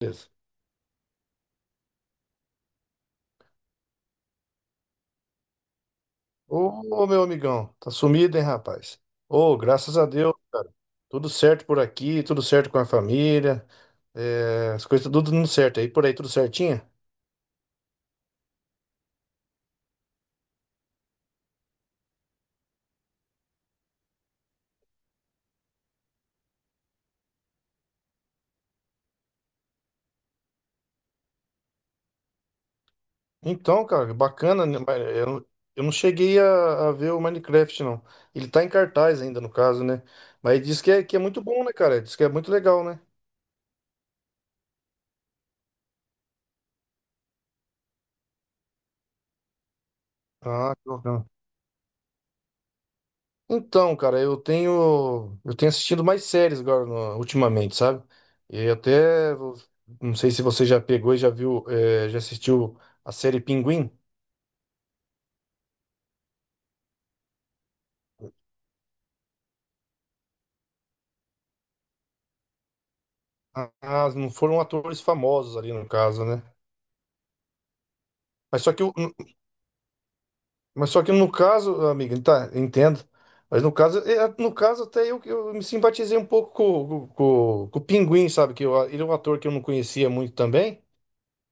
Beleza. Ô, meu amigão, tá sumido, hein, rapaz? Ô, graças a Deus, cara. Tudo certo por aqui, tudo certo com a família. É, as coisas tá tudo dando certo aí. Por aí, tudo certinho? Então, cara, bacana, né? Mas eu, eu não cheguei a ver o Minecraft, não. Ele tá em cartaz ainda, no caso, né? Mas diz que é muito bom, né, cara? Diz que é muito legal, né? Ah, que bacana. Então, cara, eu tenho assistido mais séries agora ultimamente, sabe? E não sei se você já pegou e já viu, já assistiu a série Pinguim. Ah, não foram atores famosos ali no caso, né? Mas só que o- Mas só que no caso, amiga, tá, entendo. Mas no caso, no caso até eu me simpatizei um pouco com o Pinguim, sabe? Ele é um ator que eu não conhecia muito também.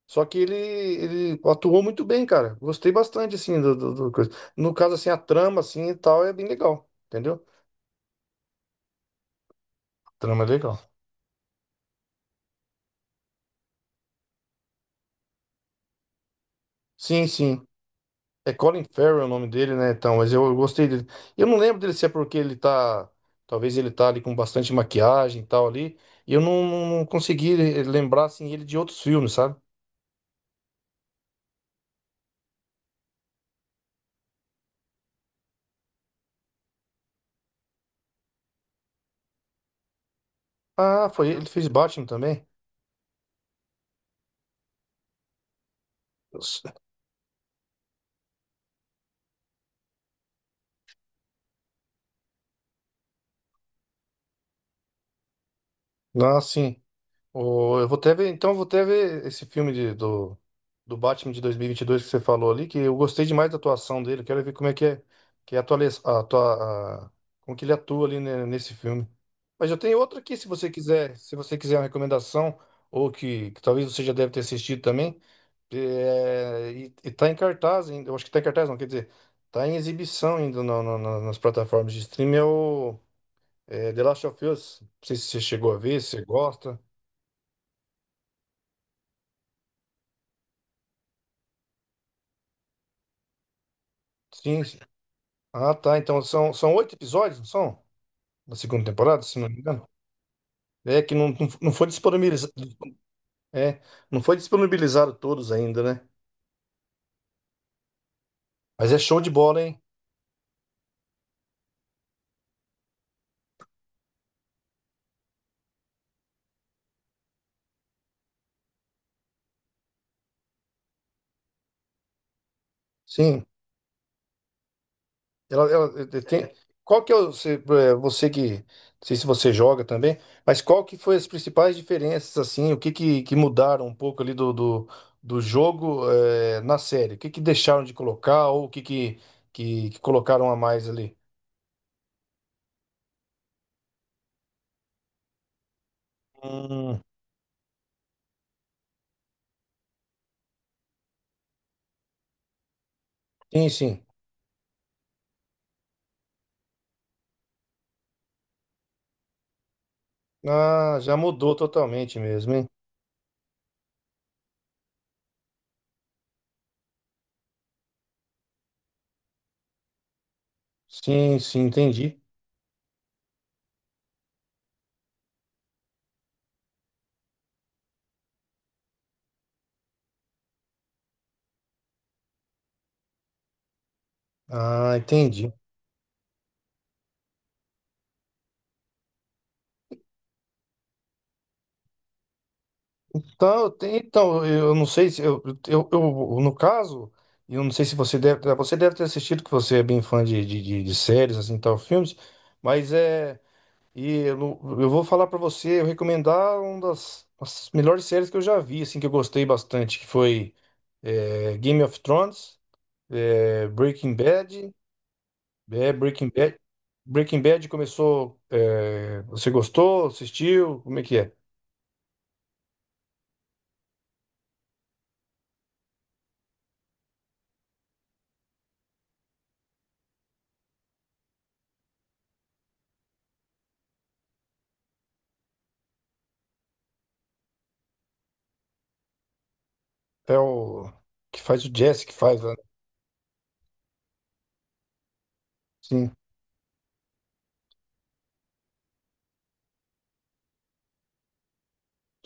Só que ele atuou muito bem, cara. Gostei bastante, assim, do coisa. No caso, assim, a trama, assim, e tal, é bem legal. Entendeu? Trama é legal. Sim, sim. É, Colin Farrell é o nome dele, né? Então, mas eu gostei dele. Eu não lembro dele se é porque ele tá. Talvez ele tá ali com bastante maquiagem e tal ali. E eu não consegui lembrar assim ele de outros filmes, sabe? Ah, foi ele, ele fez Batman também. Ah, sim. Eu vou até ver, então eu vou até ver esse do, do Batman de 2022 que você falou ali, que eu gostei demais da atuação dele. Quero ver como é que é, que é a atuali- a atua- a- como que ele atua ali, né, nesse filme. Mas eu tenho outro aqui, se você quiser, se você quiser uma recomendação, ou que talvez você já deve ter assistido também, e tá em cartaz ainda, eu acho que tá em cartaz não, quer dizer, tá em exibição ainda nas plataformas de streaming, é o The Last of Us. Não sei se você chegou a ver, se você gosta. Sim. Ah, tá. Então são, são oito episódios, não são? Da segunda temporada, se não me engano. É que não foi disponibilizado. É, não foi disponibilizado todos ainda, né? Mas é show de bola, hein? Sim. Ela, ela- eh, eh, tem... Qual que é o, você, eh, você que. Não sei se você joga também, mas qual que foi as principais diferenças, assim? Que mudaram um pouco ali do jogo, na série? O que deixaram de colocar ou o que que colocaram a mais ali? Hum, sim, sim. Ah, já mudou totalmente mesmo, hein? Sim, sim, entendi. Ah, entendi. Então, então eu não sei se eu, eu- no caso, eu não sei se você deve, você deve ter assistido, que você é bem fã de séries, assim, tal, filmes, mas e eu, não- eu vou falar pra você, eu recomendar uma das melhores séries que eu já vi, assim, que eu gostei bastante, que foi Game of Thrones, Breaking Bad. É, Breaking Bad. Breaking Bad começou. É, você gostou? Assistiu? Como é que é? É o que faz o Jesse que faz, né? Sim,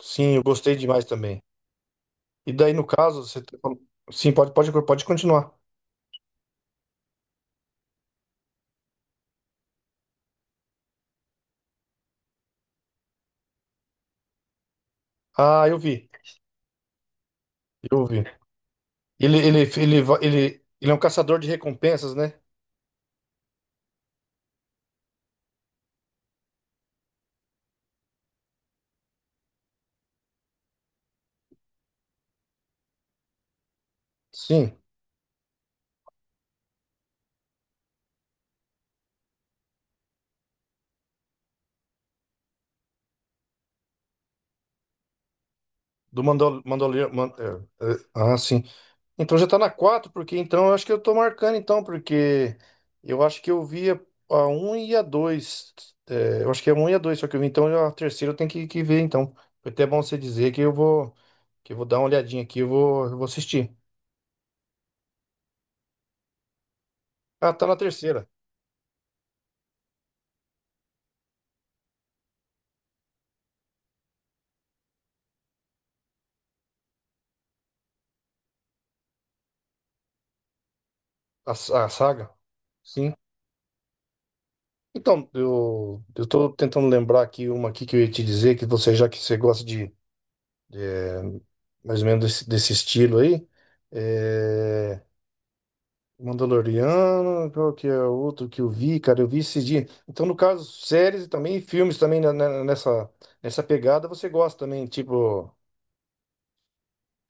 sim, eu gostei demais também. E daí, no caso, você. Tá falando- Sim, pode, pode continuar. Ah, eu vi. Eu vi. Ele é um caçador de recompensas, né? Sim. Do Mandalorian. Man, é, é, ah, sim. Então já tá na 4 porque então eu acho que eu tô marcando então, porque eu acho que eu vi a 1 e a dois. É, eu acho que é um e a dois, só que eu vi, então a terceira eu tenho que ver então. Foi até bom você dizer que eu vou dar uma olhadinha aqui, eu vou assistir. Ah, tá na terceira, a, a saga. Sim. Então, eu tô tentando lembrar aqui uma aqui que eu ia te dizer, que você, já que você gosta de, é, mais ou menos desse, desse estilo aí. É, Mandaloriano, qual que é o outro que eu vi, cara? Eu vi esses dias. Então, no caso, séries e também filmes também nessa, nessa pegada, você gosta também, tipo,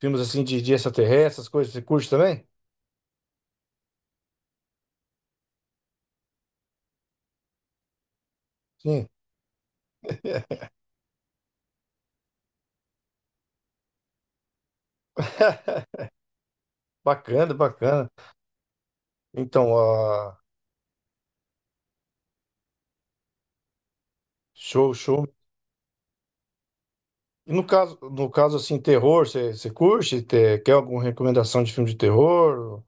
filmes assim de extraterrestres, essas coisas, você curte também? Sim. Bacana, bacana. Então, ah, show, show. E no caso, no caso assim, terror, você curte? Quer alguma recomendação de filme de terror?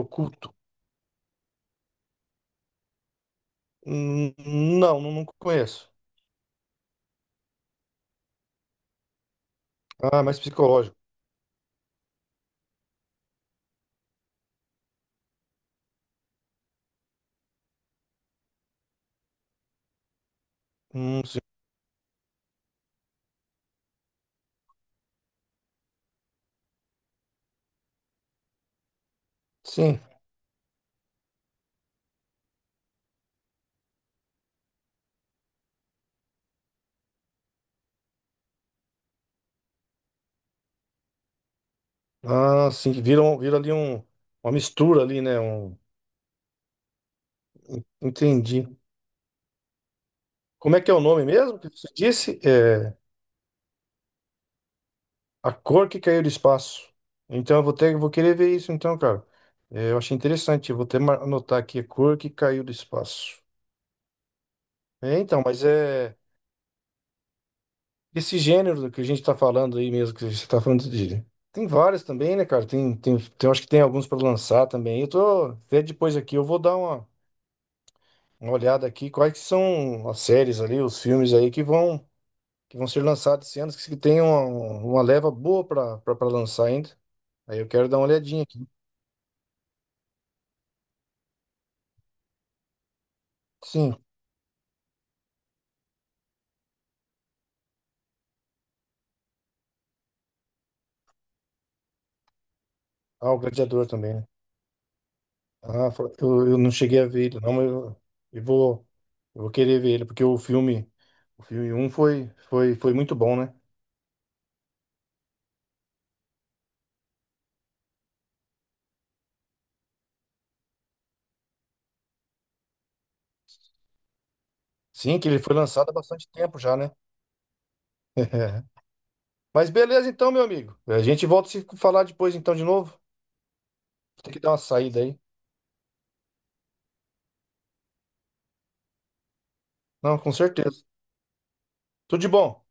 Oculto? Não, não conheço. Ah, mais psicológico. Sim. Sim. Ah, sim, que viram, viram ali um, uma mistura ali, né? Um, entendi. Como é que é o nome mesmo que você disse? É A Cor que Caiu do Espaço. Então eu vou ter, vou querer ver isso então, cara. É, eu achei interessante, eu vou até anotar aqui, A Cor que Caiu do Espaço. É, então, mas é esse gênero que a gente tá falando aí mesmo, que você tá falando de... Tem várias também, né, cara? Tem, acho que tem alguns para lançar também. Eu tô, até depois aqui eu vou dar uma olhada aqui, quais que são as séries ali, os filmes aí que vão ser lançados esse ano, que tem uma leva boa para lançar ainda. Aí eu quero dar uma olhadinha aqui. Sim, ah, o Gladiador também, né? Ah, eu não cheguei a ver ele, não, eu vou, eu vou querer ver ele, porque o filme um foi, foi muito bom, né? Sim, que ele foi lançado há bastante tempo já, né? Mas beleza então, meu amigo. A gente volta a se falar depois então de novo. Tem que dar uma saída aí. Não, com certeza. Tudo de bom.